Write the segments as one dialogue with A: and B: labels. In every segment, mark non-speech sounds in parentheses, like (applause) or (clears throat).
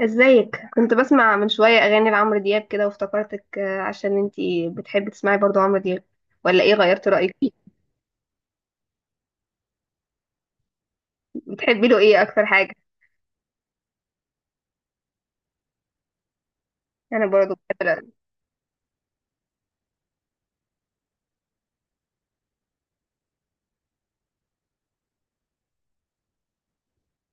A: ازيك؟ كنت بسمع من شوية اغاني لعمرو دياب كده وافتكرتك عشان انتي بتحبي تسمعي برضو عمرو دياب، ولا ايه؟ غيرت رأيك فيه؟ بتحبي له ايه اكتر حاجة؟ انا برضو بحب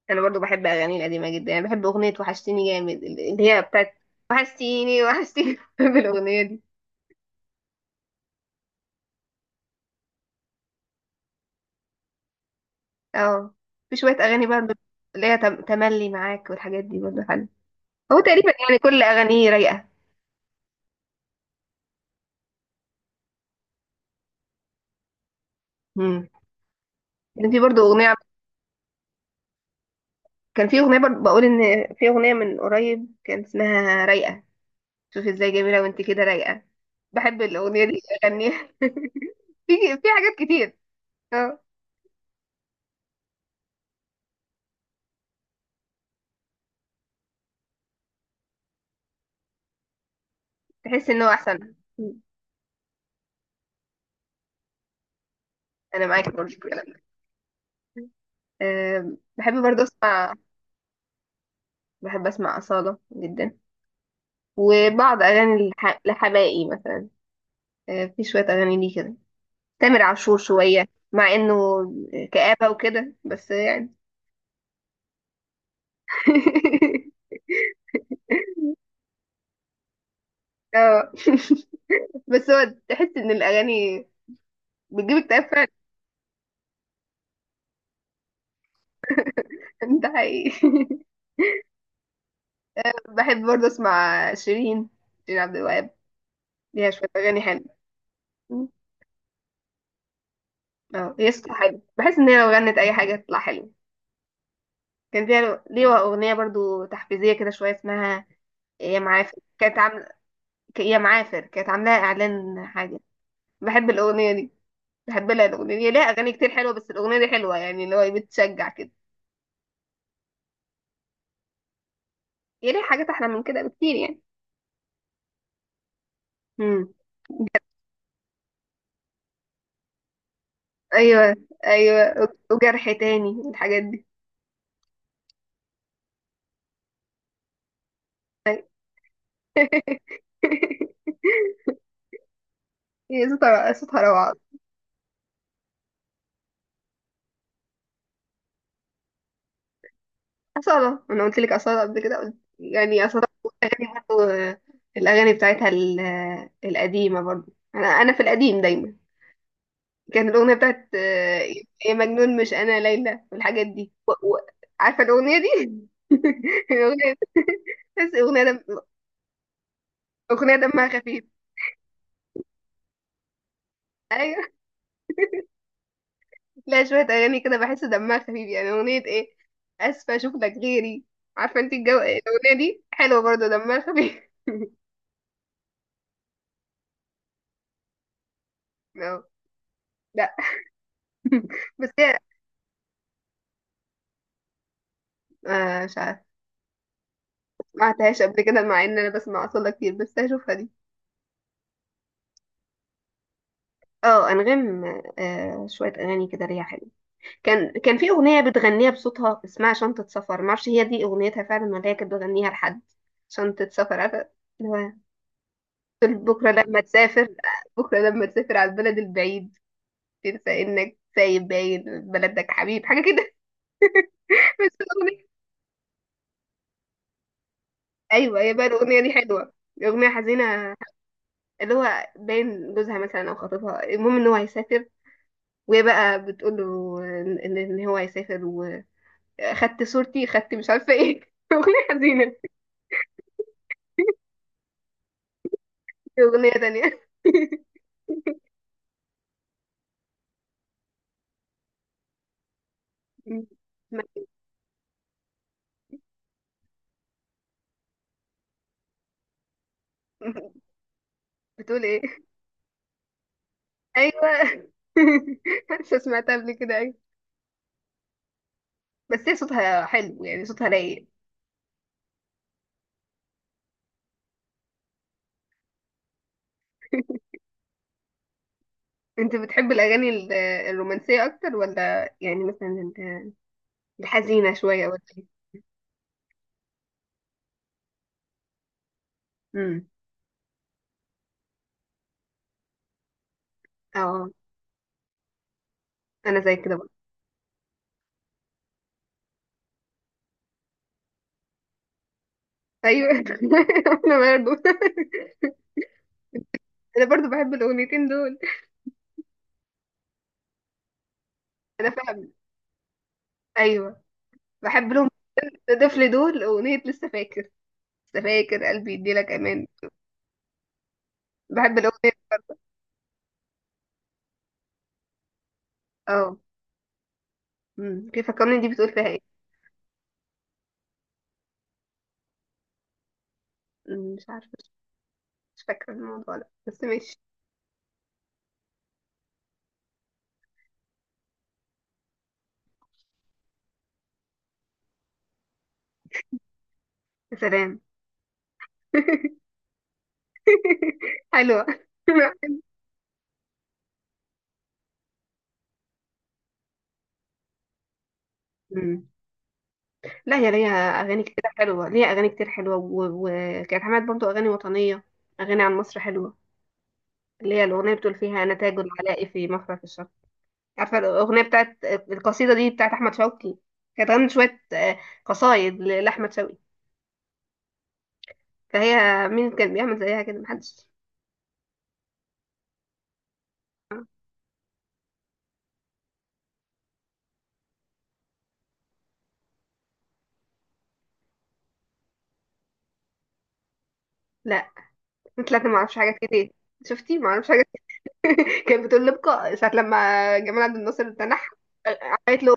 A: انا برضو بحب اغاني القديمة جدا، يعني بحب اغنية وحشتيني جامد اللي هي بتاعت وحشتيني، وحشتيني (laughs) بحب الاغنية دي. اه، في شوية اغاني برضو، اللي هي تملي معاك والحاجات دي برضو حلوة. هو تقريبا يعني كل اغانيه رايقة. امم في برضو اغنية، كان في اغنية برضو بقول، ان في اغنية من قريب كان اسمها رايقة، شوفي ازاي جميلة وانت كده رايقة. بحب الأغنية دي أغنيها (laughs) في في حاجات كتير. اه، تحس إن هو أحسن. أنا معاكي برضه في الكلام ده. بحب برضه أسمع، بحب أسمع أصالة جدا، وبعض أغاني لحبائي مثلا. أه، في شوية أغاني ليه كده، تامر عاشور شوية، مع إنه كآبة وكده، بس يعني (laughs) اه (laughs) بس هو تحس إن الأغاني بتجيب اكتئاب فعلا. (laughs) ده حقيقي (laughs) بحب برضه اسمع شيرين، شيرين عبد الوهاب، ليها شويه اغاني حلوه. مم. اه، هي صوتها حلو، بحس ان هي لو غنت اي حاجه تطلع حلوه. كان فيها ليها اغنيه برضه تحفيزيه كده شويه، اسمها يا معافر، كانت عامله، يا معافر كانت عاملاها اعلان حاجه. بحب الاغنيه دي، بحب لها الاغنيه دي، ليها اغاني كتير حلوه، بس الاغنيه دي حلوه يعني، اللي هو بتشجع كده. هي ليها حاجات احلى من كده بكتير يعني. مم. ايوه، ايوه، وجرح تاني، الحاجات دي. أيوة (laughs) هي صوتها، صوتها روعه. أصالة، أنا قلت لك أصالة قبل كده قلت، يعني أصالة أغاني برضه. الأغاني بتاعتها القديمة برضه، أنا في القديم دايما. كانت الأغنية بتاعت يا مجنون، مش أنا ليلى والحاجات دي عارفة الأغنية دي؟ (laughs) الأغنية دي. بس أغنية دم... أغنية دمها خفيف. أيوة. لا، شوية أغاني كده بحس دمها خفيف، يعني أغنية إيه؟ أسفة أشوف لك غيري. عارفة أنت الجو، الأغنية دي حلوة برضه، دمها خفيف. (laughs) أه. لا، بس هي مش عارفة، ما عدتهاش قبل كده، مع ان انا بسمع اصلا كتير، بس هشوفها دي. اه انغام، آه، شويه اغاني كده ليها حلو. كان في اغنيه بتغنيها بصوتها اسمها شنطه سفر، ما اعرفش هي دي اغنيتها فعلا، ولا هي كانت بتغنيها لحد. شنطه سفر، عارفه، اللي هو تقول بكره لما تسافر، بكره لما تسافر على البلد البعيد تنسى انك سايب باين بلدك حبيب، حاجه كده (laughs) بس الاغنيه، ايوه، هي بقى الاغنيه دي حلوه، اغنيه حزينه، اللي هو باين جوزها مثلا او خطيبها، المهم ان هو هيسافر، وهي بقى بتقول له ان إن هو هيسافر، واخدت صورتي، خدت مش عارفه ايه (laughs) اغنيه حزينه. في اغنيه تانية. (laughs) بتقول ايه؟ ايوه (laughs) لسه سمعتها قبل كده، ايوه. بس هي صوتها حلو يعني، صوتها رايق. (laughs) انت بتحب الاغاني الرومانسيه اكتر، ولا يعني مثلا الحزينه شويه، ولا ايه؟ امم، اه، انا زي كده برضه. ايوه (laughs) انا برضه انا برضه بحب الاغنيتين دول. انا فاهم. ايوه، بحب لهم طفل دول، أغنية لسه فاكر، لسه فاكر قلبي يديلك أمان. بحب الأغنية. اه، أمم، كيف فكرني دي بتقول فيها ايه؟ أمم، مش عارفة مش مش فاكرة الموضوع ده، بس ماشي. يا سلام (laughs) حلوة. أمم. لا، هي ليها أغاني كتير حلوة، ليها أغاني كتير وكانت عملت برضو أغاني وطنية، أغاني عن مصر حلوة، اللي هي الأغنية بتقول فيها أنا تاج العلاء في مفرق الشرق. عارفة الأغنية بتاعت القصيدة دي بتاعت أحمد شوقي؟ كانت غنت شوية قصايد لأحمد شوقي، فهي مين كان بيعمل زيها كده؟ محدش. لا طلعت ما اعرفش حاجات كتير، شفتي ما اعرفش حاجات كتير (laughs) كانت بتقول لبقى ساعة لما جمال عبد الناصر تنح، قالت له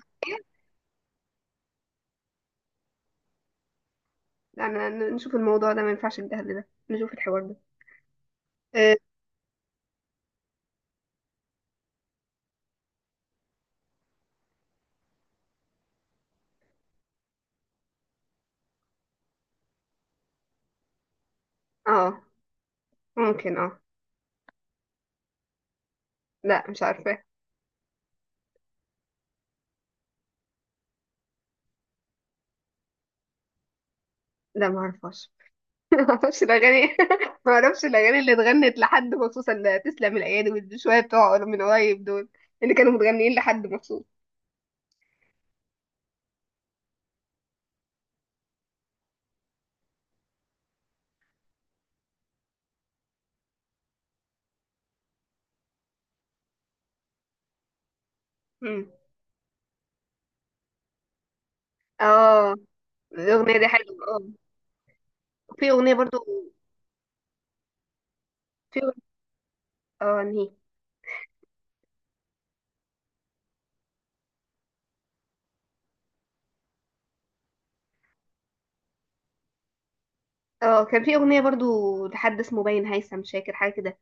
A: انا نشوف الموضوع ده، ما ينفعش الجهل ده، نشوف الحوار ده. اه، آه، ممكن اه. لا، مش عارفة. لا، ما اعرفهاش (laughs) ما اعرفش الاغاني (laughs) ما اعرفش الاغاني اللي اتغنت لحد مخصوص، اللي تسلم الايادي والشوية بتوع من قريب دول، اللي كانوا متغنيين لحد مخصوص. مم. اه، الاغنية دي حلوة، اه، في اغنية برضو، في اه، انهي؟ اه، كان في اغنيه برضو لحد اسمه باين هيثم شاكر حاجه كده،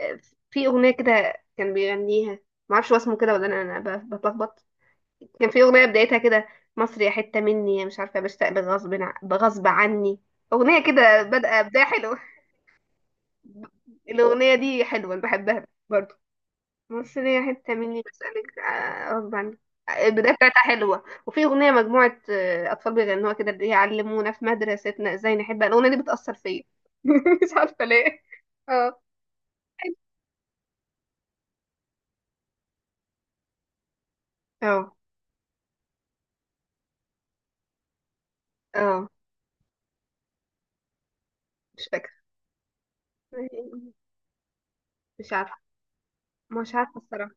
A: آه، في اغنيه كده كان بيغنيها، معرفش هو اسمه كده ولا انا، بتلخبط. كان في اغنيه بدايتها كده، مصر يا حته مني، يا مش عارفه بشتاق، بغصب بغصب عني، اغنيه كده بادئه بدايه حلوه (laughs) الاغنيه دي حلوه، أنا بحبها برضو. بص ليا حتة مني، بسألك غصب عني. البداية بتاعتها حلوة، وفي أغنية مجموعة أطفال بيغنوها كده، اللي هي علمونا في مدرستنا إزاي نحب، الأغنية دي بتأثر فيا (laughs) مش عارفة ليه. اه، اه، اه. مش فاكرة. مش عارفة. مش عارفة الصراحة.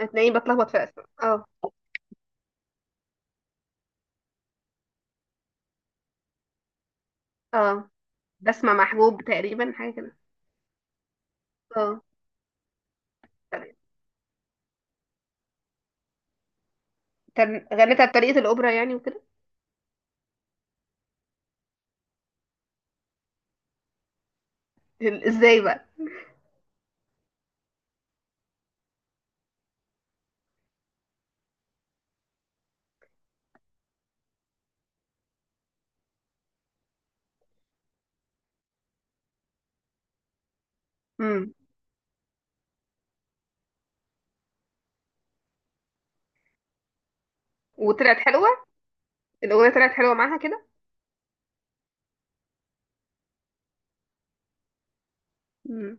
A: هتلاقيني بتلخبط في أسماء. اه، اه، بسمع محجوب تقريبا، حاجة كده. اه. تمام. غنيتها بطريقة الأوبرا يعني وكده. إزاي بقى؟ مم. وطلعت حلوة، الأغنية طلعت حلوة معاها كده. مم.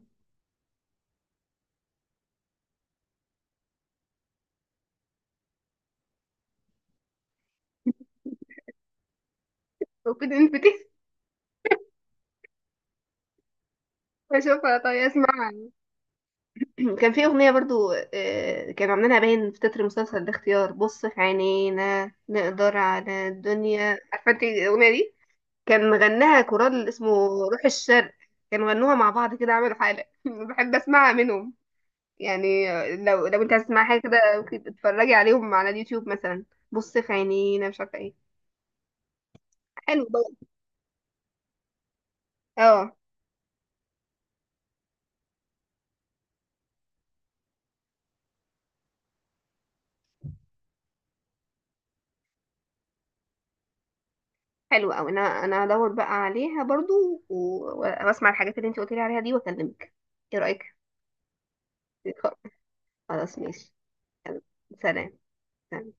A: وبتنفتي. اشوفها، طيب اسمعها. (clears throat) كان في اغنيه برضو كانوا عاملينها باين في تتر مسلسل الاختيار، بص في عينينا نقدر على الدنيا، عارفه انت الاغنيه دي؟ كان غناها كورال اسمه روح الشرق، كانوا غنوها مع بعض كده، عملوا حاله (laughs) بحب اسمعها منهم يعني. آه، لو انت عايز تسمع حاجه كده، ممكن تتفرجي عليهم على اليوتيوب مثلا. بص في عينينا، مش عارفه ايه. حلو بقى. اه. حلو قوي، انا هدور بقى عليها برضو، واسمع الحاجات اللي انت قلت لي عليها دي، واكلمك، ايه رايك؟ خلاص، ماشي. يلا. سلام. سلام.